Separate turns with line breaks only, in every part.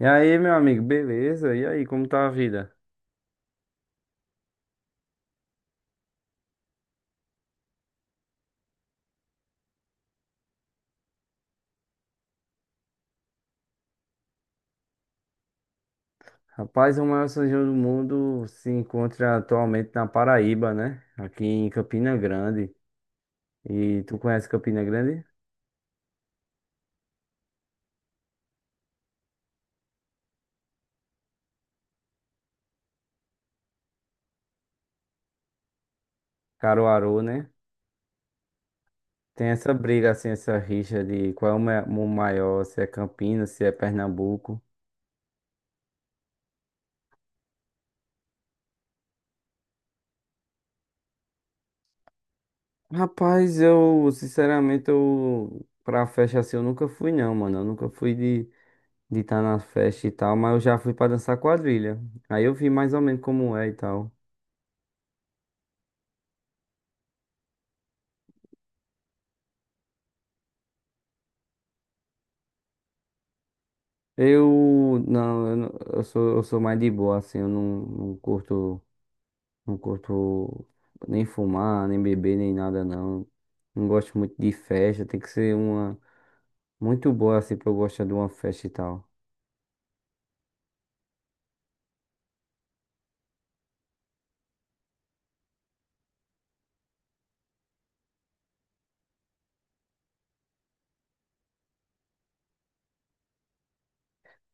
E aí, meu amigo, beleza? E aí, como tá a vida? Rapaz, o maior São João do mundo se encontra atualmente na Paraíba, né? Aqui em Campina Grande. E tu conhece Campina Grande? Caruaru, né? Tem essa briga, assim, essa rixa de qual é o maior, se é Campinas, se é Pernambuco. Rapaz, eu, sinceramente, eu, pra festa assim, eu nunca fui, não, mano. Eu nunca fui de estar de tá na festa e tal, mas eu já fui pra dançar quadrilha. Aí eu vi mais ou menos como é e tal. Eu não, eu, não- eu sou mais de boa, assim, eu não, não curto nem fumar, nem beber, nem nada, não. Não gosto muito de festa, tem que ser uma muito boa, assim, pra eu gostar de uma festa e tal.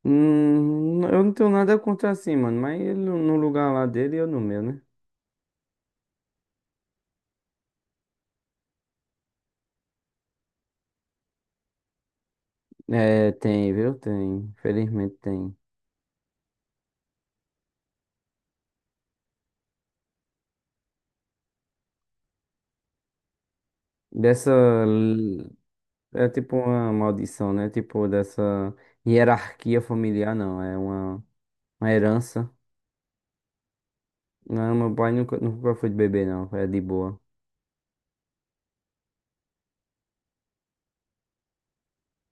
Eu não tenho nada contra assim, mano, mas ele no lugar lá dele e eu no meu, né? É, tem, viu? Tem, infelizmente tem. Dessa, l- é tipo uma maldição, né? Tipo, dessa hierarquia familiar, não, é uma herança. Não, meu pai nunca, nunca foi de beber, não. É de boa.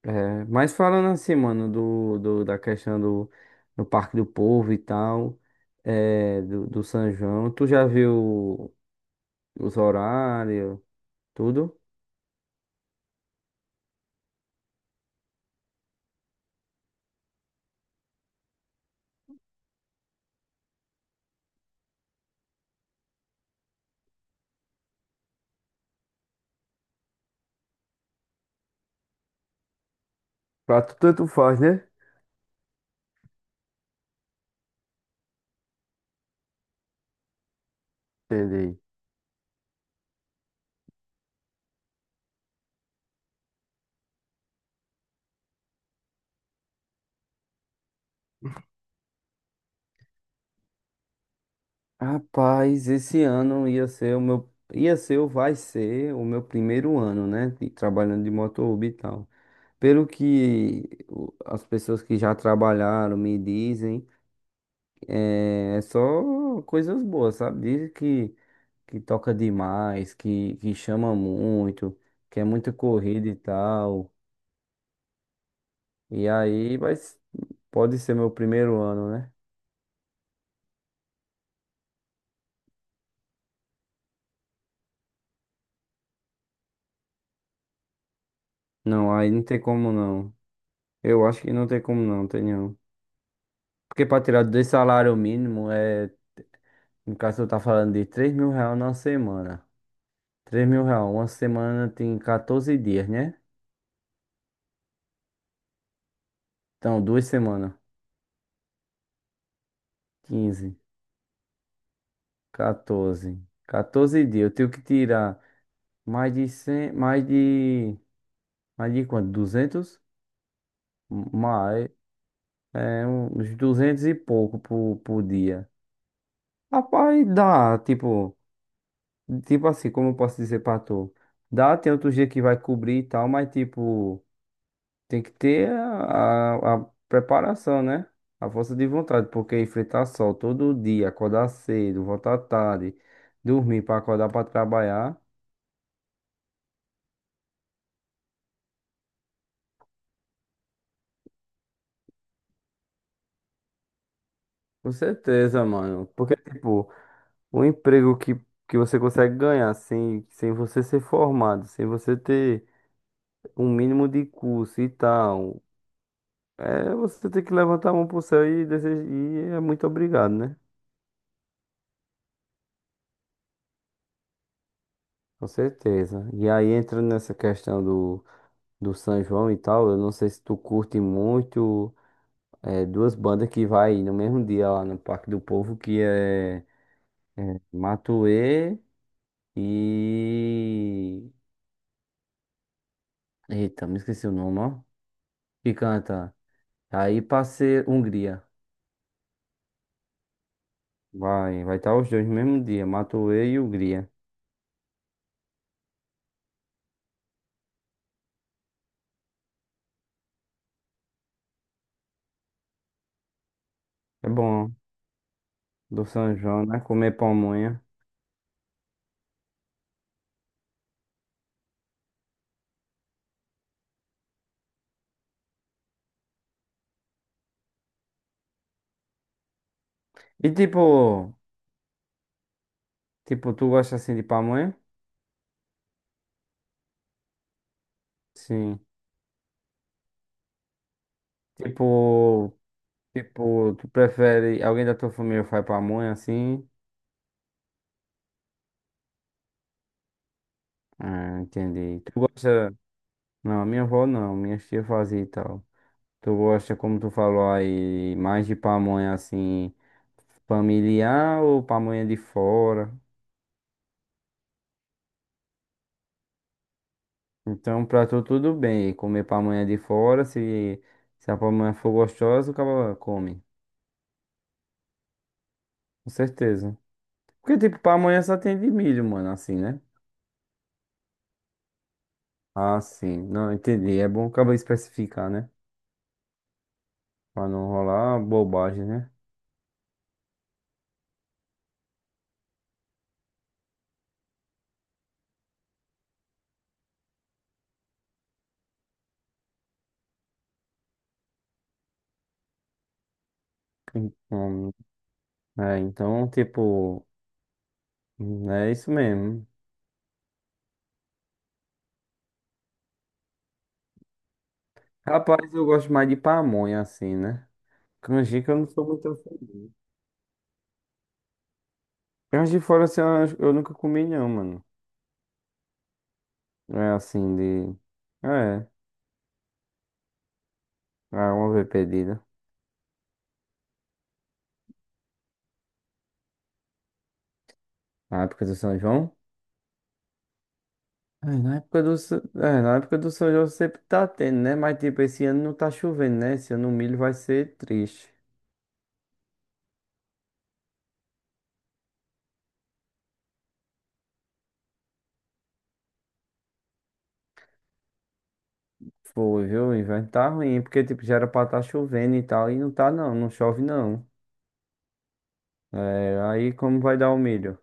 É, mas falando assim, mano, da questão do Parque do Povo e tal, é, do São João, tu já viu os horários, tudo? Pra tu tanto faz, né? Entendi. Rapaz, esse ano ia ser o meu, ia ser ou vai ser o meu primeiro ano, né, trabalhando de motorhome e tal. As pessoas que já trabalharam me dizem, é, é só coisas boas, sabe? Dizem que toca demais, que chama muito, que é muito corrida e tal. E aí, mas pode ser meu primeiro ano, né? Não, aí não tem como não. Eu acho que não tem como não, tem não. Porque pra tirar 2 salário mínimo é, no caso eu tá falando de R$ 3.000 na semana. R$ 3.000, uma semana tem 14 dias, né? Então, 2 semanas, 15 14. 14 dias. Eu tenho que tirar mais de 100, mais de quanto? 200. Mais, é, uns 200 e pouco por dia. Rapaz, dá, tipo, tipo assim, como eu posso dizer pra tu? Dá, tem outro dia que vai cobrir e tal, mas tipo, tem que ter a preparação, né? A força de vontade, porque enfrentar sol todo dia, acordar cedo, voltar tarde, dormir pra acordar pra trabalhar. Com certeza, mano. Porque, tipo, o emprego que você consegue ganhar sem, sem você ser formado, sem você ter um mínimo de curso e tal, é você ter que levantar a mão pro céu e, desejar, e é muito obrigado, né? Com certeza. E aí, entrando nessa questão do São João e tal, eu não sei se tu curte muito é, duas bandas que vai no mesmo dia lá no Parque do Povo, que é Matuê e... Eita, me esqueci o nome, ó. Que canta. Aí passei Hungria. Vai estar os dois no mesmo dia, Matuê e Hungria. É bom, do São João, né? Comer pamonha. E tipo, tu gosta assim de pamonha? Sim. Tipo, tu prefere, alguém da tua família faz pamonha assim? Ah, entendi. Tu gosta, não, minha avó não, minha tia fazia e tal. Tu gosta, como tu falou aí, mais de pamonha assim, familiar ou pamonha de fora? Então, pra tu tudo bem. Comer pamonha de fora, se a pamonha for gostosa, o cara come. Com certeza. Porque, tipo, pamonha só tem de milho, mano, assim, né? Ah, sim. Não, entendi. É bom o especificar, né? Pra não rolar bobagem, né? Hum, é, então, tipo, é isso mesmo. Rapaz, eu gosto mais de pamonha, assim, né? Canjica eu não sou muito... fã. Canjica fora, assim, eu nunca comi, não, mano. É assim, de... É, é uma vez pedido. Na época do São João? É, na época do, é, na época do São João sempre tá tendo, né? Mas tipo, esse ano não tá chovendo, né? Esse ano o milho vai ser triste. Foi, viu? O inverno tá ruim, porque tipo, já era pra tá chovendo e tal, e não tá não, não chove não. É, aí como vai dar o milho?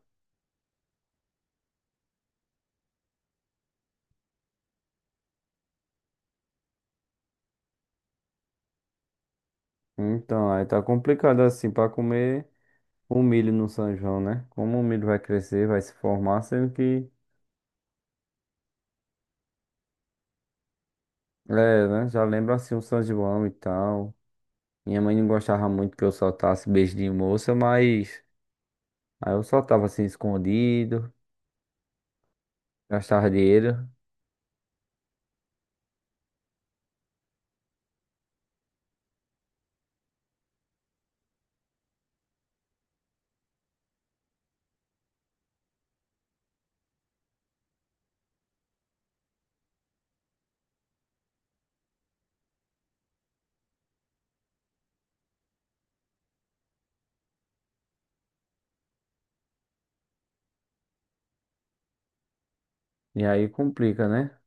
Então, aí tá complicado assim pra comer o milho no São João, né? Como o milho vai crescer, vai se formar, sendo que, é, né? Já lembra assim o São João e tal. Minha mãe não gostava muito que eu soltasse beijo de moça, mas. Aí eu só tava assim escondido, gastava dinheiro, e aí complica, né?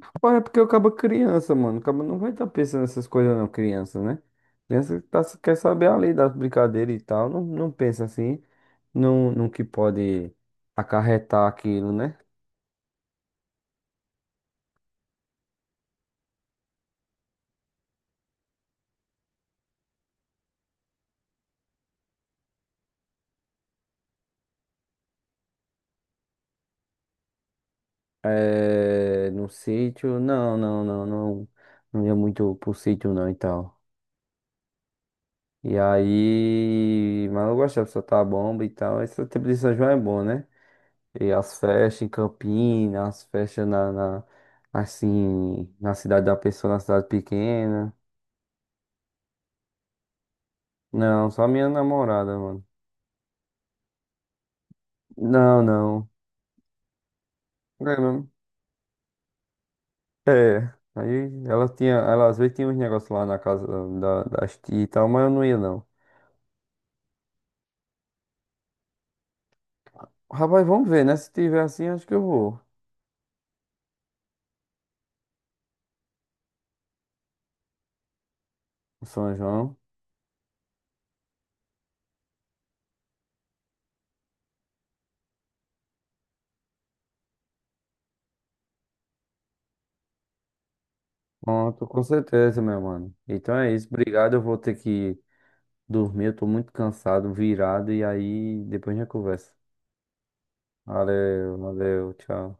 Rapaz, é porque eu acabo criança, mano. Acaba não vai estar pensando nessas coisas não, criança, né? Criança tá, quer saber ali das brincadeiras e tal, não, não pensa assim, não, no que pode acarretar aquilo, né? É, no sítio, não, não, não, não, não ia muito pro sítio não e tal. E aí, mas eu gostava de soltar a bomba e tal, esse tempo de São João é bom, né? E as festas em Campinas, as festas na, assim, na cidade da pessoa, na cidade pequena. Não, só minha namorada, mano. Não, não. É, mesmo? É. Aí ela tinha, ela às vezes tinha uns negócios lá na casa da, das tias e tal, mas eu não ia não. Rapaz, vamos ver, né? Se tiver assim, acho que eu vou. São João. Pronto, com certeza, meu mano. Então é isso, obrigado. Eu vou ter que dormir, eu tô muito cansado, virado, e aí depois a gente conversa. Valeu, valeu, tchau.